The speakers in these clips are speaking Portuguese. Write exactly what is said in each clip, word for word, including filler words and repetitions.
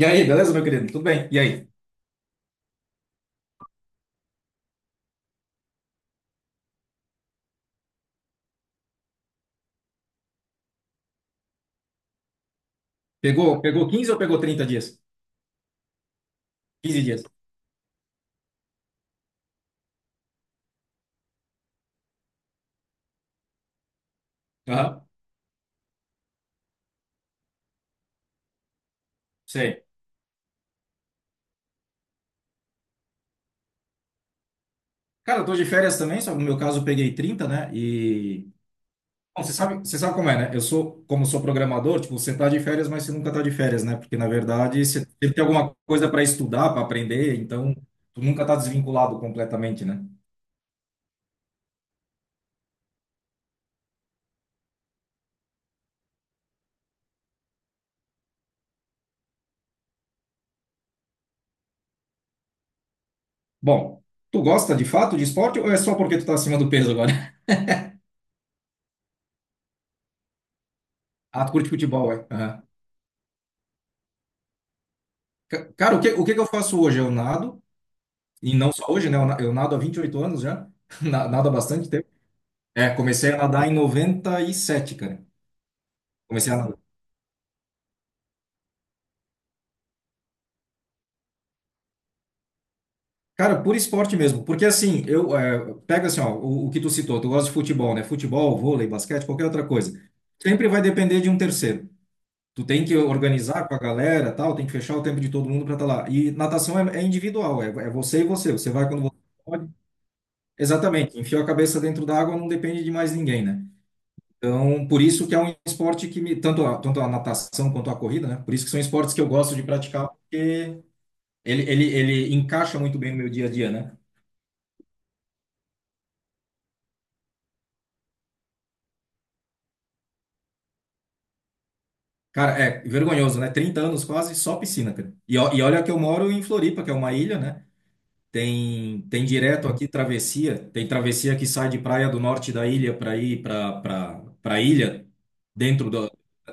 E aí, beleza, meu querido? Tudo bem? E aí? Pegou, pegou quinze ou pegou trinta dias? Quinze dias. Aham, sei. Cara, eu tô de férias também, só que no meu caso eu peguei trinta, né? E. Bom, você sabe, você sabe como é, né? Eu sou, como sou programador, tipo, você tá de férias, mas você nunca tá de férias, né? Porque, na verdade, você sempre tem alguma coisa para estudar, para aprender, então tu nunca tá desvinculado completamente, né? Bom, tu gosta de fato de esporte ou é só porque tu tá acima do peso agora? Ah, tu curte futebol, é? Aham. Ca- Cara, o que, o que que eu faço hoje? Eu nado. E não só hoje, né? Eu na- eu nado há vinte e oito anos já, na- nado há bastante tempo. É, comecei a nadar em noventa e sete, cara. Comecei a nadar. Cara, por esporte mesmo, porque assim, eu, é, pega assim, ó, o, o que tu citou, tu gosta de futebol, né? Futebol, vôlei, basquete, qualquer outra coisa. Sempre vai depender de um terceiro. Tu tem que organizar com a galera, tal, tem que fechar o tempo de todo mundo para estar lá. E natação é, é individual, é, é você e você, você vai quando você pode. Exatamente, enfiou a cabeça dentro da água, não depende de mais ninguém, né? Então, por isso que é um esporte que me, tanto a, tanto a, natação quanto a corrida, né? Por isso que são esportes que eu gosto de praticar, porque ele, ele, ele encaixa muito bem no meu dia a dia, né? Cara, é vergonhoso, né? Trinta anos quase, só piscina, cara. E, ó- e olha que eu moro em Floripa, que é uma ilha, né? Tem, tem direto aqui travessia, tem travessia que sai de praia do norte da ilha para ir para para para ilha dentro da,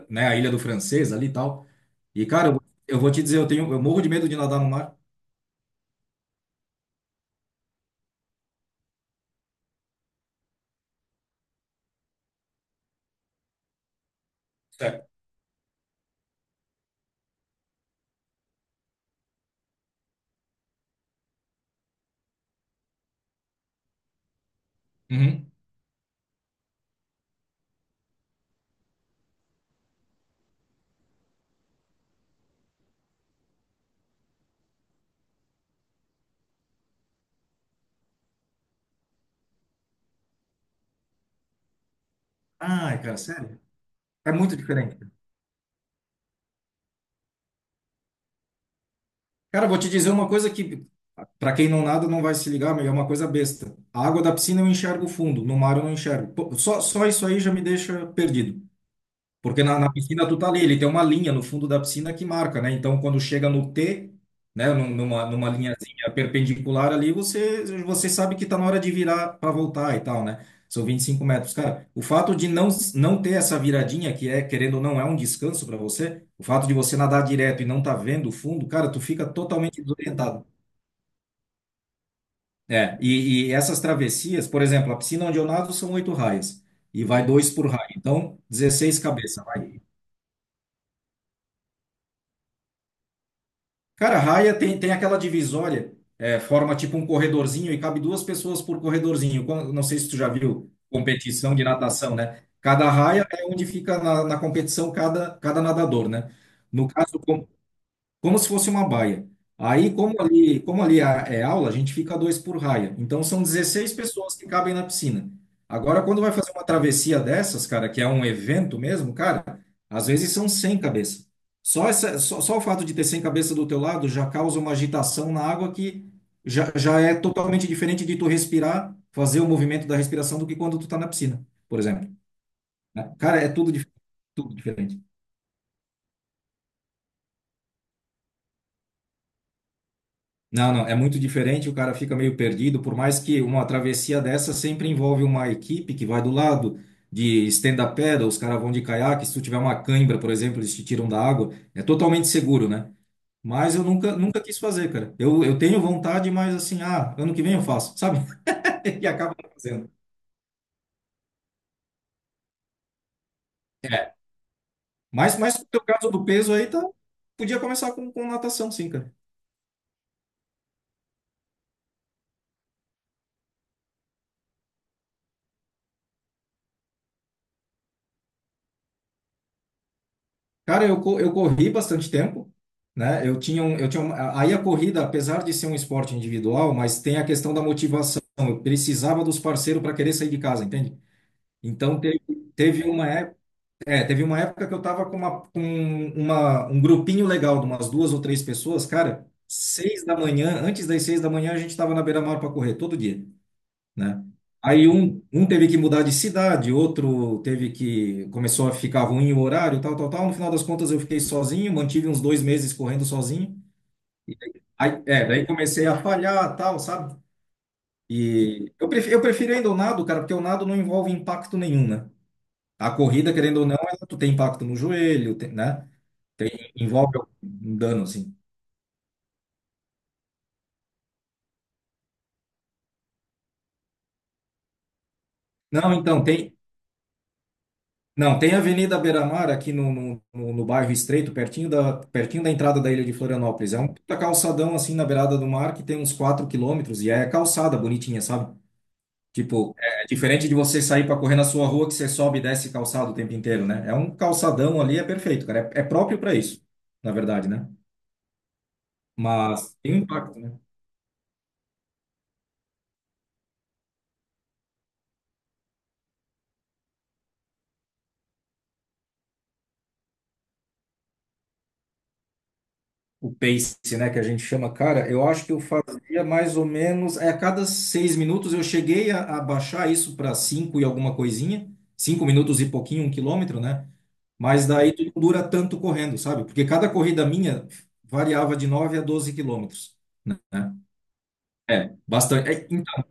né, a ilha do Francês ali e tal. E cara, eu, eu vou te dizer, eu tenho eu morro de medo de nadar no mar. Sério. Ai, cara, sério? É muito diferente. Cara, vou te dizer uma coisa que, para quem não nada, não vai se ligar, mas é uma coisa besta. A água da piscina eu enxergo fundo, no mar eu não enxergo. Pô, Só, só isso aí já me deixa perdido. Porque na, na piscina tu tá ali, ele tem uma linha no fundo da piscina que marca, né? Então quando chega no T, né, num- numa, numa linhazinha perpendicular ali, você, você sabe que tá na hora de virar para voltar e tal, né? São vinte e cinco metros. Cara, o fato de não, não ter essa viradinha, que é, querendo ou não, é um descanso para você, o fato de você nadar direto e não tá vendo o fundo, cara, tu fica totalmente desorientado. É, e, e essas travessias, por exemplo, a piscina onde eu nado são oito raias, e vai dois por raia, então dezesseis cabeças, vai. Cara, a raia tem, tem aquela divisória, é, forma tipo um corredorzinho e cabe duas pessoas por corredorzinho. Quan- Não sei se tu já viu competição de natação, né? Cada raia é onde fica na, na competição cada, cada nadador, né? No caso, como se fosse uma baia. Aí, como ali, como ali a- é aula, a gente fica dois por raia. Então, são dezesseis pessoas que cabem na piscina. Agora, quando vai fazer uma travessia dessas, cara, que é um evento mesmo, cara, às vezes são cem cabeças. Só, essa, só, só o fato de ter cem cabeças do teu lado já causa uma agitação na água que já, já é totalmente diferente de tu respirar, fazer o movimento da respiração do que quando tu tá na piscina, por exemplo. Né? Cara, é tudo, dif- tudo diferente. Não, não, é muito diferente, o cara fica meio perdido, por mais que uma travessia dessa sempre envolve uma equipe que vai do lado de stand-up paddle, os caras vão de caiaque, se tu tiver uma cãibra, por exemplo, eles te tiram da água, é totalmente seguro, né? Mas eu nunca, nunca quis fazer, cara. Eu, eu tenho vontade, mas assim, ah, ano que vem eu faço, sabe? E acaba não fazendo. É. Mas, mas no teu caso do peso aí, tá, podia começar com, com, natação, sim, cara. Cara, eu, co- eu corri bastante tempo, né? Eu tinha um, eu tinha uma, aí a corrida, apesar de ser um esporte individual, mas tem a questão da motivação. Eu precisava dos parceiros para querer sair de casa, entende? Então teve, teve uma época, é, teve uma época que eu tava com uma, com uma, um grupinho legal de umas duas ou três pessoas, cara, seis da manhã, antes das seis da manhã a gente tava na beira-mar para correr todo dia, né? Aí um, um teve que mudar de cidade, outro teve que começou a ficar ruim o horário, tal, tal, tal. No final das contas eu fiquei sozinho, mantive uns dois meses correndo sozinho. E aí, é, daí comecei a falhar, tal, sabe? E eu prefiro, eu prefiro ainda o nado, cara, porque o nado não envolve impacto nenhum, né? A corrida, querendo ou não, ela- tu tem impacto no joelho, tem- né? Tem, envolve um dano, assim. Não, então, tem, Não, tem a Avenida Beira-Mar aqui no, no, no, no bairro Estreito, pertinho da, pertinho da entrada da ilha de Florianópolis. É um puta calçadão assim na beirada do mar que tem uns quatro quilômetros e é calçada bonitinha, sabe? Tipo, é diferente de você sair para correr na sua rua que você sobe e desce calçado o tempo inteiro, né? É um calçadão ali, é perfeito, cara. É, é próprio para isso, na verdade, né? Mas tem um impacto, né? O pace, né, que a gente chama, cara, eu acho que eu fazia mais ou menos, é, a cada seis minutos eu cheguei a, a baixar isso para cinco e alguma coisinha, cinco minutos e pouquinho, um quilômetro, né? Mas daí tu não dura tanto correndo, sabe? Porque cada corrida minha variava de nove a doze quilômetros, né? É, bastante. É, então,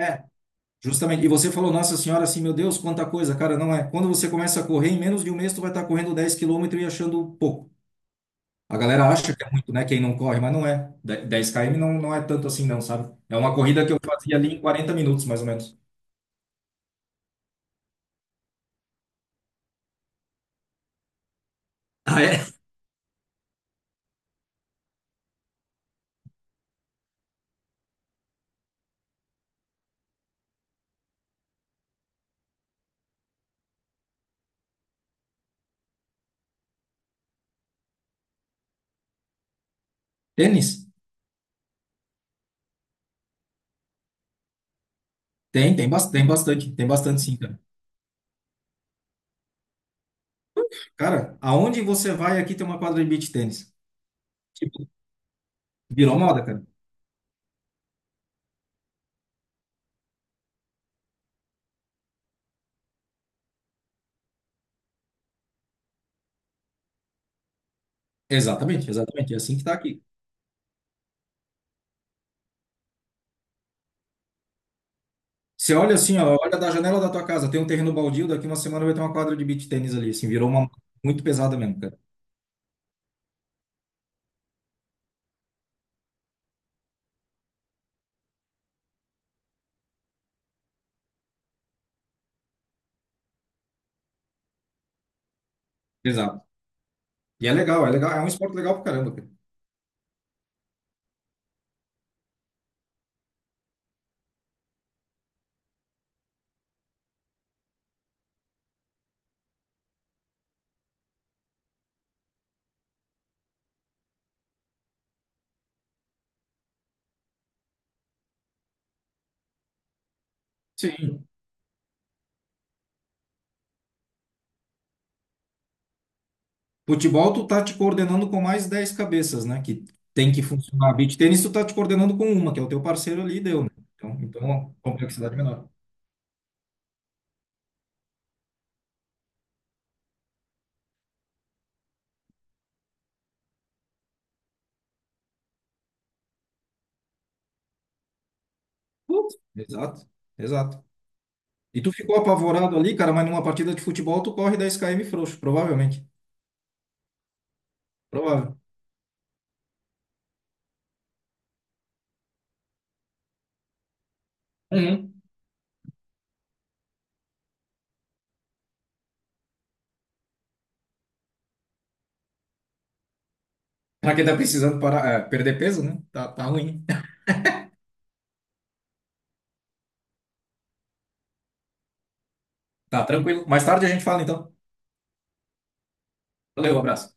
é, justamente. E você falou, Nossa Senhora, assim, meu Deus, quanta coisa, cara, não é. Quando você começa a correr, em menos de um mês tu vai estar correndo dez quilômetros e achando pouco. A galera acha que é muito, né? Quem não corre, mas não é. De- dez quilômetros não, não é tanto assim, não, sabe? É uma corrida que eu fazia ali em quarenta minutos, mais ou menos. Ah, é? Tênis? Tem, tem, bas- tem bastante, tem bastante sim, cara. Cara, aonde você vai aqui tem uma quadra de beach tênis. Tipo, virou moda, cara. Exatamente, exatamente. É assim que tá aqui. Você olha assim, ó, olha da janela da tua casa, tem um terreno baldio, daqui uma semana vai ter uma quadra de beach tênis ali, assim, virou uma muito pesada mesmo, cara. Exato. E é legal, é legal, é um esporte legal pra caramba, cara. Sim. Futebol, tu tá te coordenando com mais dez cabeças, né? Que tem que funcionar. Beach tênis, tu tá te coordenando com uma, que é o teu parceiro ali, e deu, né? Então, então, complexidade menor. Putz. Exato, exato. E tu ficou apavorado ali, cara, mas numa partida de futebol tu corre dez quilômetros frouxo, provavelmente. Provável. Uhum. Pra quem tá precisando parar, é, perder peso, né? Tá, tá ruim. Tá tranquilo. Mais tarde a gente fala, então. Valeu, abraço.